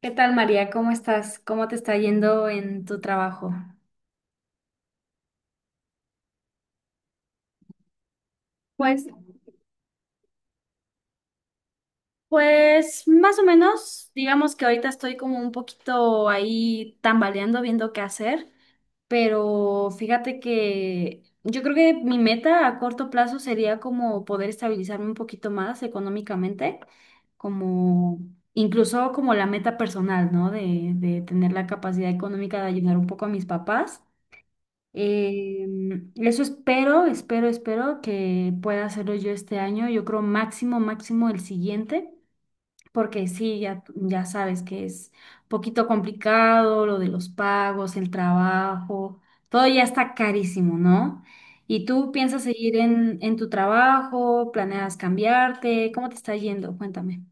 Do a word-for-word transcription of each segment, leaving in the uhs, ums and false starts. ¿Qué tal, María? ¿Cómo estás? ¿Cómo te está yendo en tu trabajo? Pues, pues más o menos, digamos que ahorita estoy como un poquito ahí tambaleando, viendo qué hacer, pero fíjate que yo creo que mi meta a corto plazo sería como poder estabilizarme un poquito más económicamente, como incluso como la meta personal, ¿no? De, de tener la capacidad económica de ayudar un poco a mis papás. Eh, Eso espero, espero, espero que pueda hacerlo yo este año. Yo creo máximo, máximo el siguiente, porque sí, ya, ya sabes que es poquito complicado lo de los pagos, el trabajo, todo ya está carísimo, ¿no? ¿Y tú piensas seguir en, en tu trabajo? ¿Planeas cambiarte? ¿Cómo te está yendo? Cuéntame.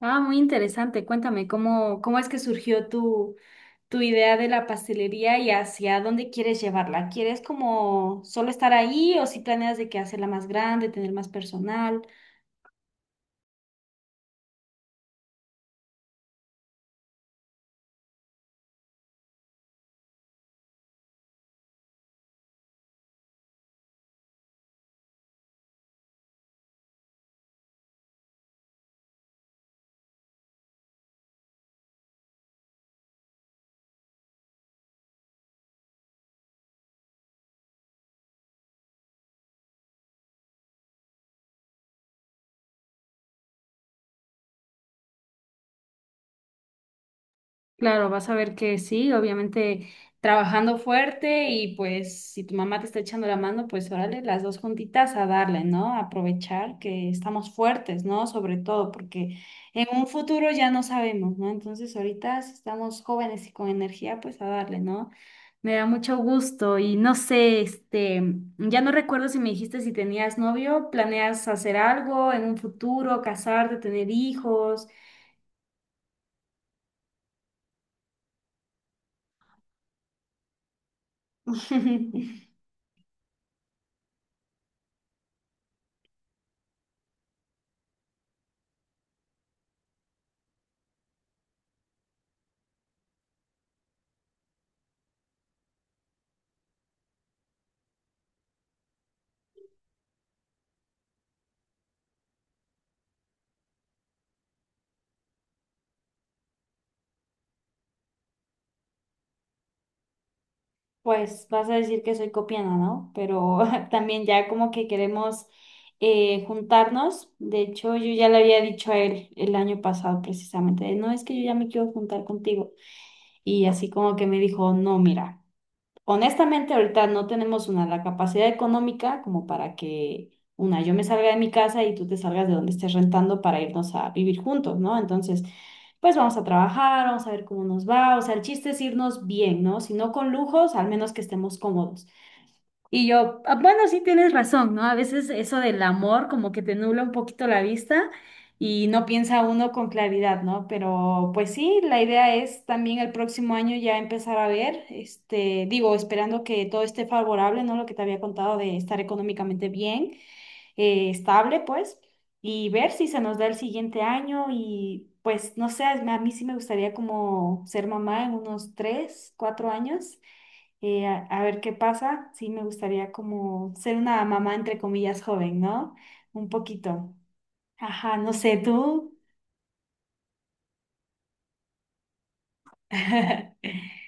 Ah, muy interesante. Cuéntame, ¿cómo, cómo es que surgió tu, tu idea de la pastelería y hacia dónde quieres llevarla? ¿Quieres como solo estar ahí o si planeas de que hacerla más grande, tener más personal? Claro, vas a ver que sí, obviamente trabajando fuerte y pues si tu mamá te está echando la mano, pues órale, las dos juntitas a darle, ¿no? Aprovechar que estamos fuertes, ¿no? Sobre todo porque en un futuro ya no sabemos, ¿no? Entonces ahorita si estamos jóvenes y con energía, pues a darle, ¿no? Me da mucho gusto y no sé, este, ya no recuerdo si me dijiste si tenías novio, planeas hacer algo en un futuro, casarte, tener hijos. Pues vas a decir que soy copiana, ¿no? Pero también ya como que queremos eh, juntarnos. De hecho, yo ya le había dicho a él el año pasado precisamente, no es que yo ya me quiero juntar contigo. Y así como que me dijo, no, mira. Honestamente, ahorita no tenemos una, la capacidad económica como para que, una, yo me salga de mi casa y tú te salgas de donde estés rentando para irnos a vivir juntos, ¿no? Entonces, pues vamos a trabajar, vamos a ver cómo nos va, o sea, el chiste es irnos bien, ¿no? Si no con lujos, al menos que estemos cómodos. Y yo, "Ah, bueno, sí tienes razón, ¿no? A veces eso del amor como que te nubla un poquito la vista y no piensa uno con claridad, ¿no? Pero pues sí, la idea es también el próximo año ya empezar a ver, este, digo, esperando que todo esté favorable, ¿no? Lo que te había contado de estar económicamente bien, eh, estable, pues, y ver si se nos da el siguiente año y pues, no sé, a mí sí me gustaría como ser mamá en unos tres, cuatro años eh, a, a ver qué pasa. Sí, me gustaría como ser una mamá entre comillas joven, ¿no? Un poquito. Ajá, no sé, tú.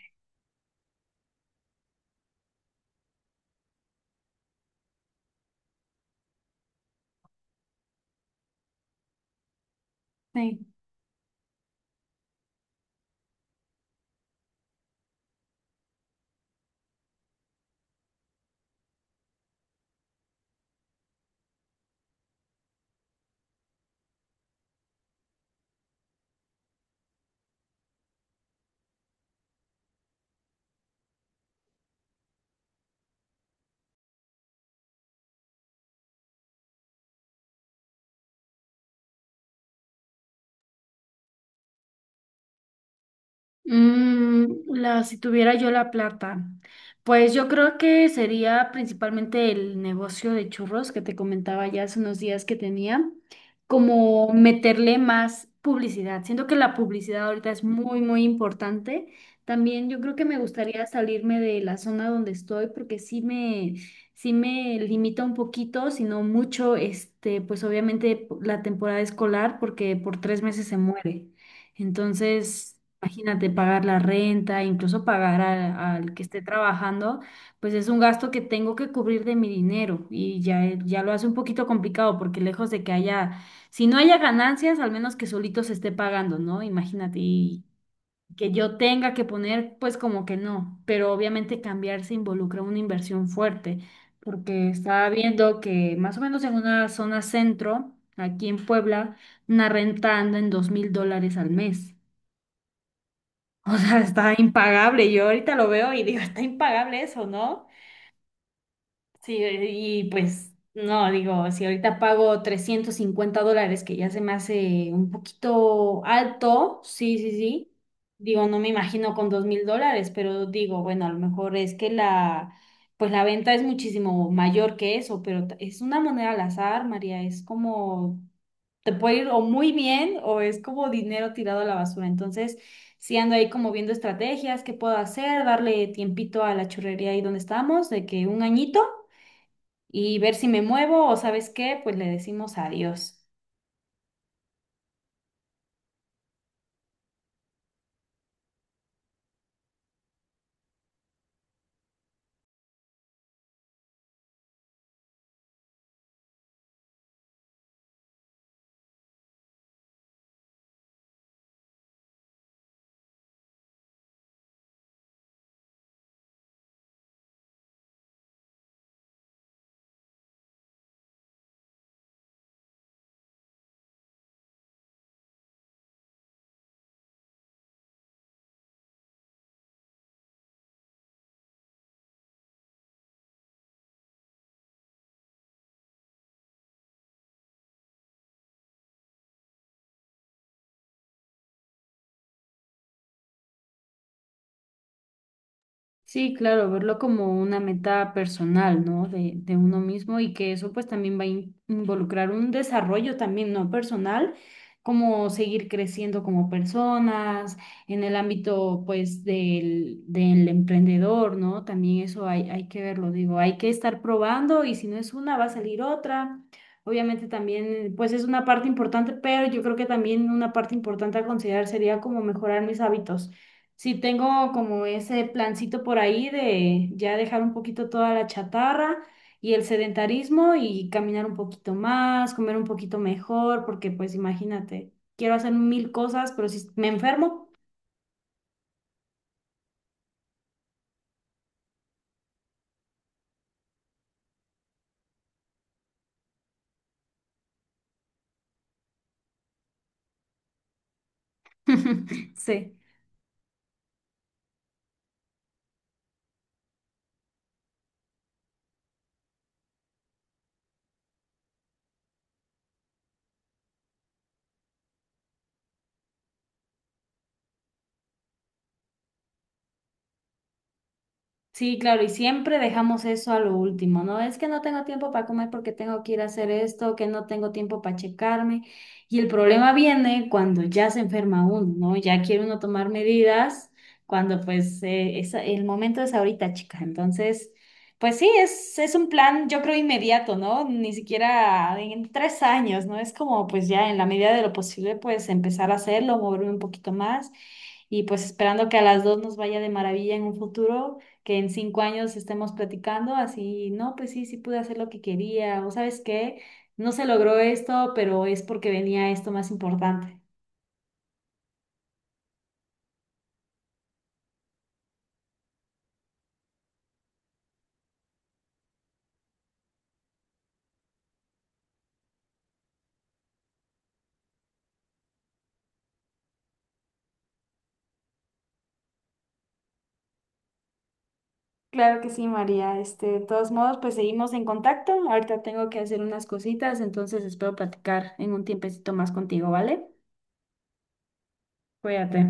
Me Mm, la, si tuviera yo la plata, pues yo creo que sería principalmente el negocio de churros que te comentaba ya hace unos días que tenía, como meterle más publicidad. Siento que la publicidad ahorita es muy, muy importante. También yo creo que me gustaría salirme de la zona donde estoy porque sí me, sí me limita un poquito, sino mucho, este, pues obviamente la temporada escolar porque por tres meses se muere. Entonces, imagínate pagar la renta, incluso pagar a- al que esté trabajando, pues es un gasto que tengo que cubrir de mi dinero y ya, eh, ya lo hace un poquito complicado porque lejos de que haya, si no haya ganancias, al menos que solito se esté pagando, ¿no? Imagínate, y que yo tenga que poner, pues como que no, pero obviamente cambiarse involucra una inversión fuerte porque estaba viendo que más o menos en una zona centro, aquí en Puebla, una renta anda en dos mil dólares al mes. O sea, está impagable. Yo ahorita lo veo y digo, está impagable eso, ¿no? Sí, y pues no, digo, si ahorita pago trescientos cincuenta dólares, que ya se me hace un poquito alto, sí, sí, sí. Digo, no me imagino con dos mil dólares, pero digo, bueno, a lo mejor es que la, pues la venta es muchísimo mayor que eso, pero t- es una moneda al azar, María, es como te puede ir o muy bien o es como dinero tirado a la basura. Entonces, sí ando ahí como viendo estrategias, qué puedo hacer, darle tiempito a la churrería ahí donde estamos, de que un añito y ver si me muevo o sabes qué, pues le decimos adiós. Sí, claro, verlo como una meta personal, ¿no? De, de uno mismo y que eso pues también va a in- involucrar un desarrollo también, ¿no? Personal, como seguir creciendo como personas en el ámbito pues del, del emprendedor, ¿no? También eso hay, hay que verlo, digo, hay que estar probando y si no es una va a salir otra. Obviamente también pues es una parte importante, pero yo creo que también una parte importante a considerar sería como mejorar mis hábitos. Sí, tengo como ese plancito por ahí de ya dejar un poquito toda la chatarra y el sedentarismo y caminar un poquito más, comer un poquito mejor, porque pues imagínate, quiero hacer mil cosas, pero si me enfermo, sí. Sí, claro, y siempre dejamos eso a lo último, ¿no? Es que no tengo tiempo para comer porque tengo que ir a hacer esto, que no tengo tiempo para checarme. Y el problema viene cuando ya se enferma uno, ¿no? Ya quiere uno tomar medidas cuando pues eh, es- el momento es ahorita, chica. Entonces, pues sí, es, es un plan, yo creo, inmediato, ¿no? Ni siquiera en tres años, ¿no? Es como pues ya en la medida de lo posible pues empezar a hacerlo, moverme un poquito más y pues esperando que a las dos nos vaya de maravilla en un futuro que en cinco años estemos platicando así, no, pues sí, sí pude hacer lo que quería, o sabes qué, no se logró esto, pero es porque venía esto más importante. Claro que sí, María. Este, de todos modos, pues seguimos en contacto. Ahorita tengo que hacer unas cositas, entonces espero platicar en un tiempecito más contigo, ¿vale? Cuídate.